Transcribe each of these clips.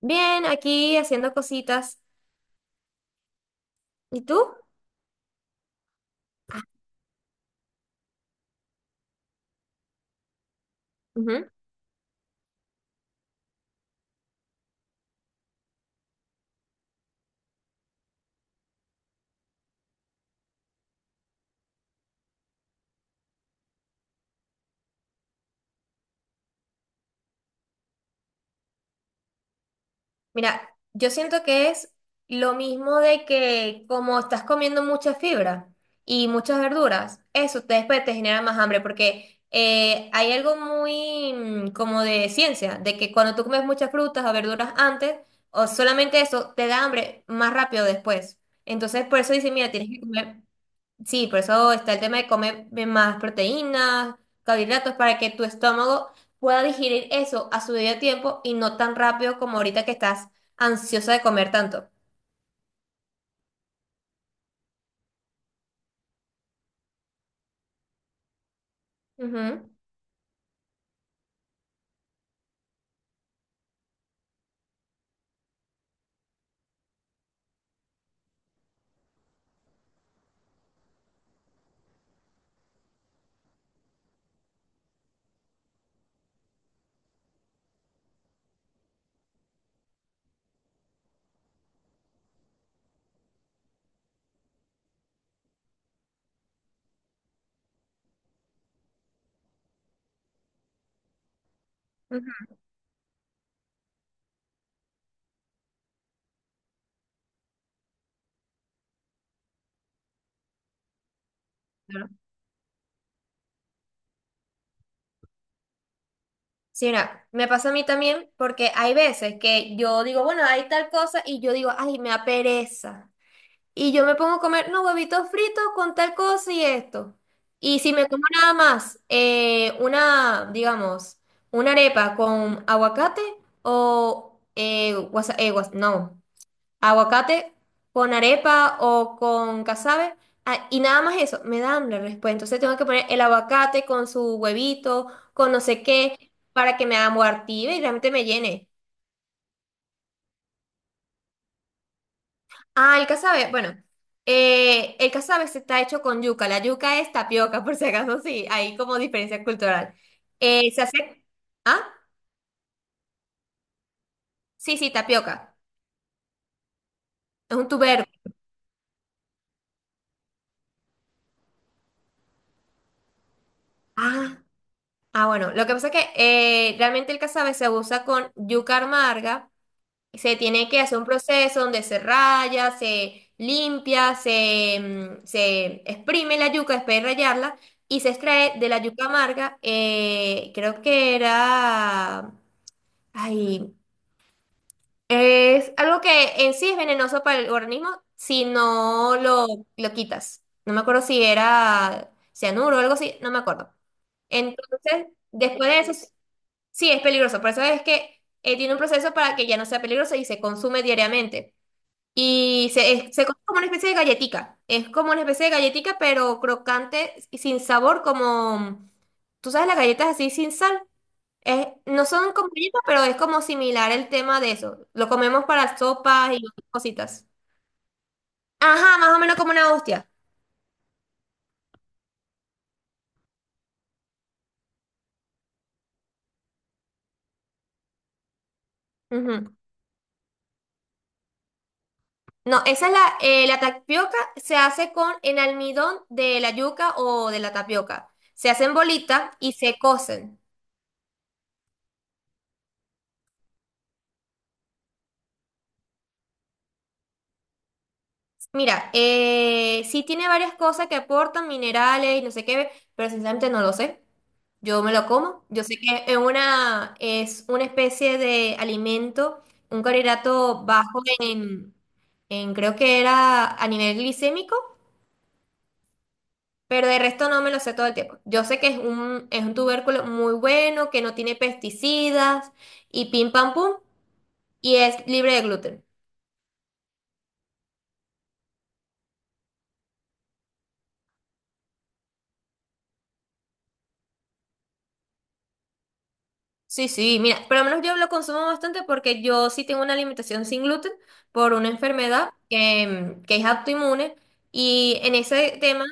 Bien, aquí haciendo cositas. ¿Y tú? Ujú. Mira, yo siento que es lo mismo de que como estás comiendo mucha fibra y muchas verduras, eso te, después te genera más hambre porque hay algo muy como de ciencia, de que cuando tú comes muchas frutas o verduras antes, o solamente eso, te da hambre más rápido después. Entonces, por eso dice, mira, tienes que comer. Sí, por eso está el tema de comer más proteínas, carbohidratos, para que tu estómago pueda digerir eso a su debido tiempo y no tan rápido como ahorita que estás ansiosa de comer tanto. Ujú, ujú, claro. Sí, mira, me pasa a mí también porque hay veces que yo digo, bueno, hay tal cosa y yo digo, ay, me da pereza. Y yo me pongo a comer, no, huevitos fritos con tal cosa y esto. Y si me como nada más, una, digamos, una arepa con aguacate o, guasa- guas- no, aguacate con arepa o con casabe, ah, y nada más eso, me dan la respuesta. Entonces tengo que poner el aguacate con su huevito, con no sé qué, para que me amortive y realmente me llene. Ah, el casabe, bueno, el casabe se está hecho con yuca, la yuca es tapioca, por si acaso, sí, hay como diferencia cultural. Eh, se hace, ah, sí, tapioca, es un tubérculo. Ah, ah, bueno, lo que pasa es que realmente el casabe se usa con yuca amarga, se tiene que hacer un proceso donde se raya, se limpia, se, se exprime la yuca después de rayarla y se extrae de la yuca amarga, creo que era... Ay, es algo que en sí es venenoso para el organismo si no lo quitas. No me acuerdo si era cianuro o algo así, no me acuerdo. Entonces, después de eso, sí es peligroso. Por eso es que tiene un proceso para que ya no sea peligroso y se consume diariamente. Se come como una especie de galletica. Es como una especie de galletica, pero crocante y sin sabor, como, ¿tú sabes las galletas así sin sal? Es, no son como galletas, pero es como similar el tema de eso. Lo comemos para sopas y otras cositas. Ajá, más o menos como una hostia. Ujú. No, esa es la tapioca se hace con el almidón de la yuca o de la tapioca. Se hacen bolitas y se cocen. Mira, sí tiene varias cosas que aportan, minerales y no sé qué, pero sinceramente no lo sé. Yo me lo como. Yo sé que es una especie de alimento, un carbohidrato bajo en creo que era a nivel glicémico, pero de resto no me lo sé todo el tiempo. Yo sé que es un tubérculo muy bueno, que no tiene pesticidas y pim pam pum, y es libre de gluten. Sí, sí, mira, por lo menos yo lo consumo bastante porque yo sí tengo una alimentación sin gluten por una enfermedad que es autoinmune y en ese tema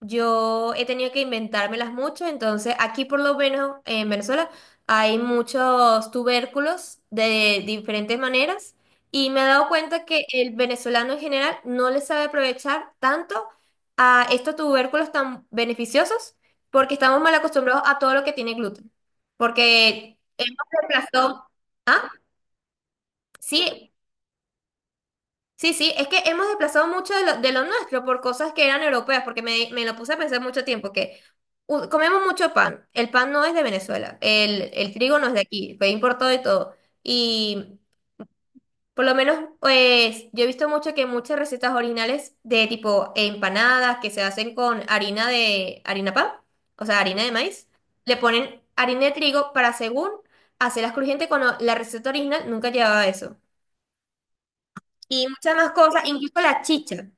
yo he tenido que inventármelas mucho, entonces aquí por lo menos en Venezuela hay muchos tubérculos de diferentes maneras y me he dado cuenta que el venezolano en general no le sabe aprovechar tanto a estos tubérculos tan beneficiosos porque estamos mal acostumbrados a todo lo que tiene gluten. Porque hemos reemplazado... ¿Ah? Sí, sí, sí, es que hemos desplazado mucho de lo nuestro por cosas que eran europeas, porque me lo puse a pensar mucho tiempo, que comemos mucho pan, el pan no es de Venezuela, el trigo no es de aquí, fue importado y todo. Y por lo menos, pues yo he visto mucho que muchas recetas originales de tipo empanadas que se hacen con harina de harina pan, o sea, harina de maíz, le ponen harina de trigo para según hacerlas crujientes cuando la receta original nunca llevaba eso. Y muchas más cosas, incluso la chicha.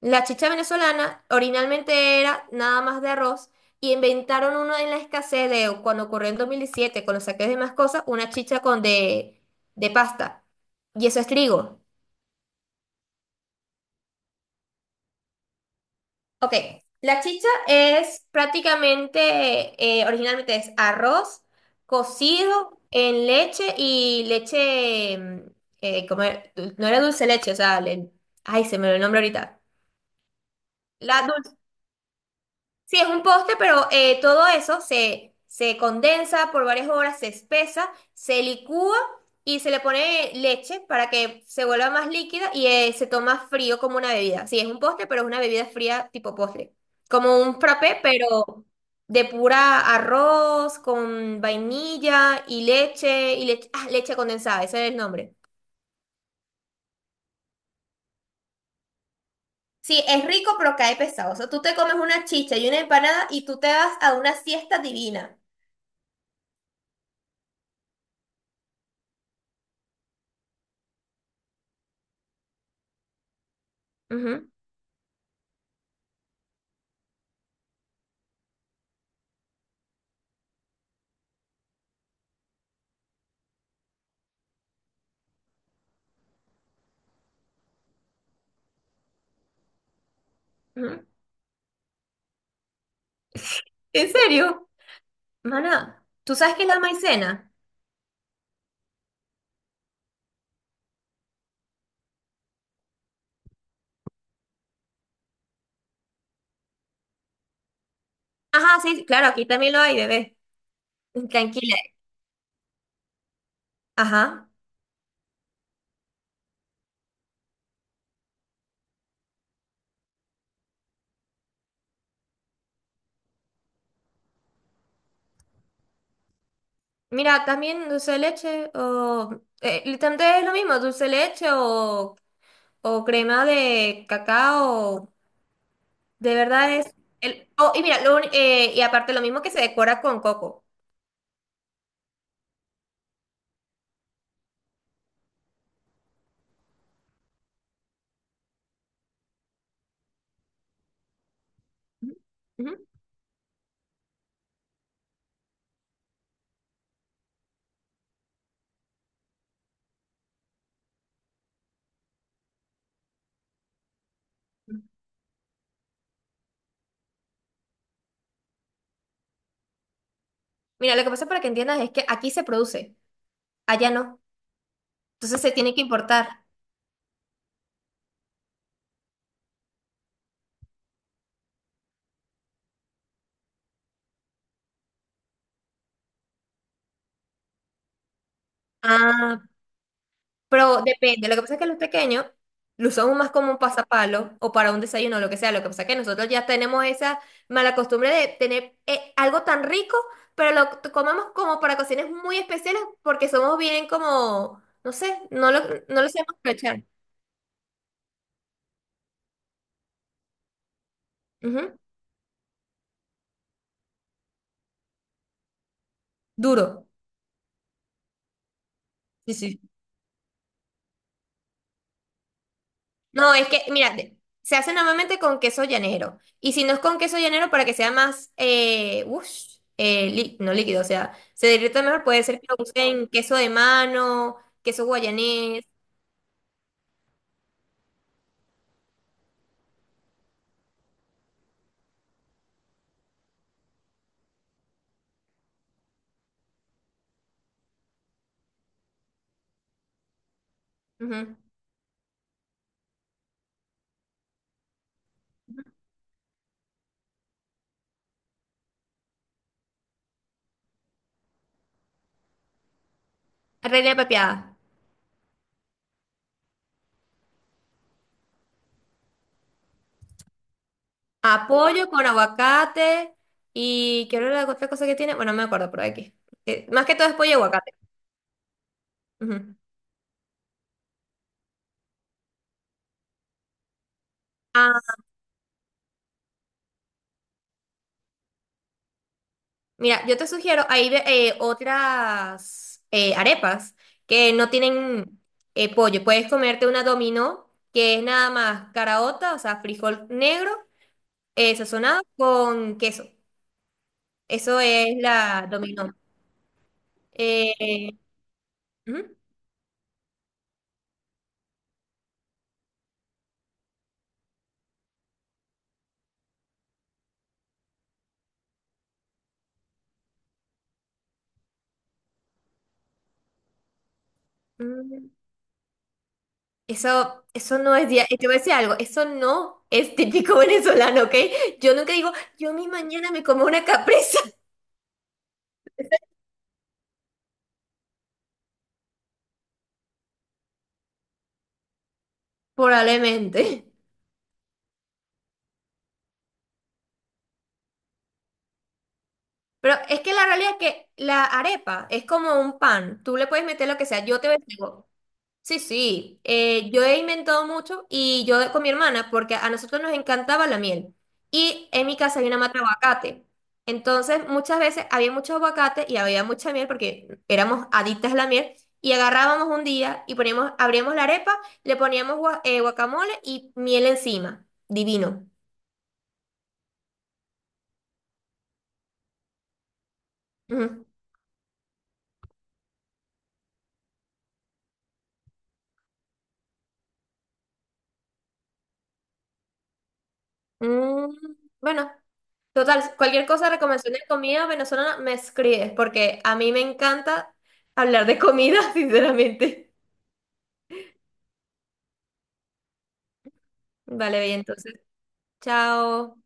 La chicha venezolana originalmente era nada más de arroz y inventaron uno en la escasez de cuando ocurrió en 2017 con los saques de más cosas, una chicha con de pasta. Y eso es trigo. Ok, la chicha es prácticamente, originalmente es arroz cocido en leche y leche, no era dulce leche, o sea, ay, se me olvidó el nombre ahorita. La Sí, es un poste, pero todo eso se condensa por varias horas, se espesa, se licúa y se le pone leche para que se vuelva más líquida y se toma frío como una bebida. Sí, es un poste, pero es una bebida fría tipo postre. Como un frappé, pero de pura arroz con vainilla y leche, ah, leche condensada, ese es el nombre. Sí, es rico, pero cae pesado. O sea, tú te comes una chicha y una empanada y tú te vas a una siesta divina. Ujú, ujú. ¿En serio? Mana, ¿tú sabes qué es la maicena? Ajá, sí, claro, aquí también lo hay, bebé. Tranquila. Ajá. Mira, también dulce de leche o... literalmente es lo mismo, dulce de leche o crema de cacao. De verdad es... El, oh, y mira, y aparte lo mismo que se decora con coco. Ujú, ujú. Mira, lo que pasa para que entiendas es que aquí se produce, allá no. Entonces se tiene que importar. Ah, pero depende, lo que pasa es que los pequeños lo usamos más como un pasapalo o para un desayuno, lo que sea. Lo que pasa es que nosotros ya tenemos esa mala costumbre de tener algo tan rico, pero comemos como para ocasiones muy especiales porque somos bien como, no sé, no lo sabemos aprovechar. Ujú. Duro. Sí, sí. No, es que, mira, se hace normalmente con queso llanero. Y si no es con queso llanero, para que sea más, no líquido, o sea, se derrita mejor, puede ser que lo usen queso de mano, queso guayanés, ujú. Reina pepiada. Apoyo con aguacate y quiero la otra cosa que tiene, bueno, no me acuerdo, pero aquí. Más que todo es pollo y aguacate. Ujú. Ah, mira, yo te sugiero, hay otras arepas que no tienen pollo. Puedes comerte una dominó, que es nada más caraota, o sea, frijol negro sazonado con queso. Eso es la dominó. Eh, ujú, mm, eso, eso no es, dia- te voy a decir algo, eso no es típico venezolano, ¿ok? Yo nunca digo, yo mi mañana me como una capresa, probablemente. Pero es que la realidad es que la arepa es como un pan. Tú le puedes meter lo que sea. Yo te digo, sí, sí. Yo he inventado mucho y yo con mi hermana, porque a nosotros nos encantaba la miel. Y en mi casa había una mata de aguacate. Entonces, muchas veces había mucho aguacate y había mucha miel porque éramos adictas a la miel. Y agarrábamos un día y poníamos, abríamos la arepa, le poníamos guacamole y miel encima. Divino. Ujú. Mm, bueno. Total, cualquier cosa, recomendación de comida venezolana, me escribes, porque a mí me encanta hablar de comida, sinceramente. Vale, bien, entonces, chao.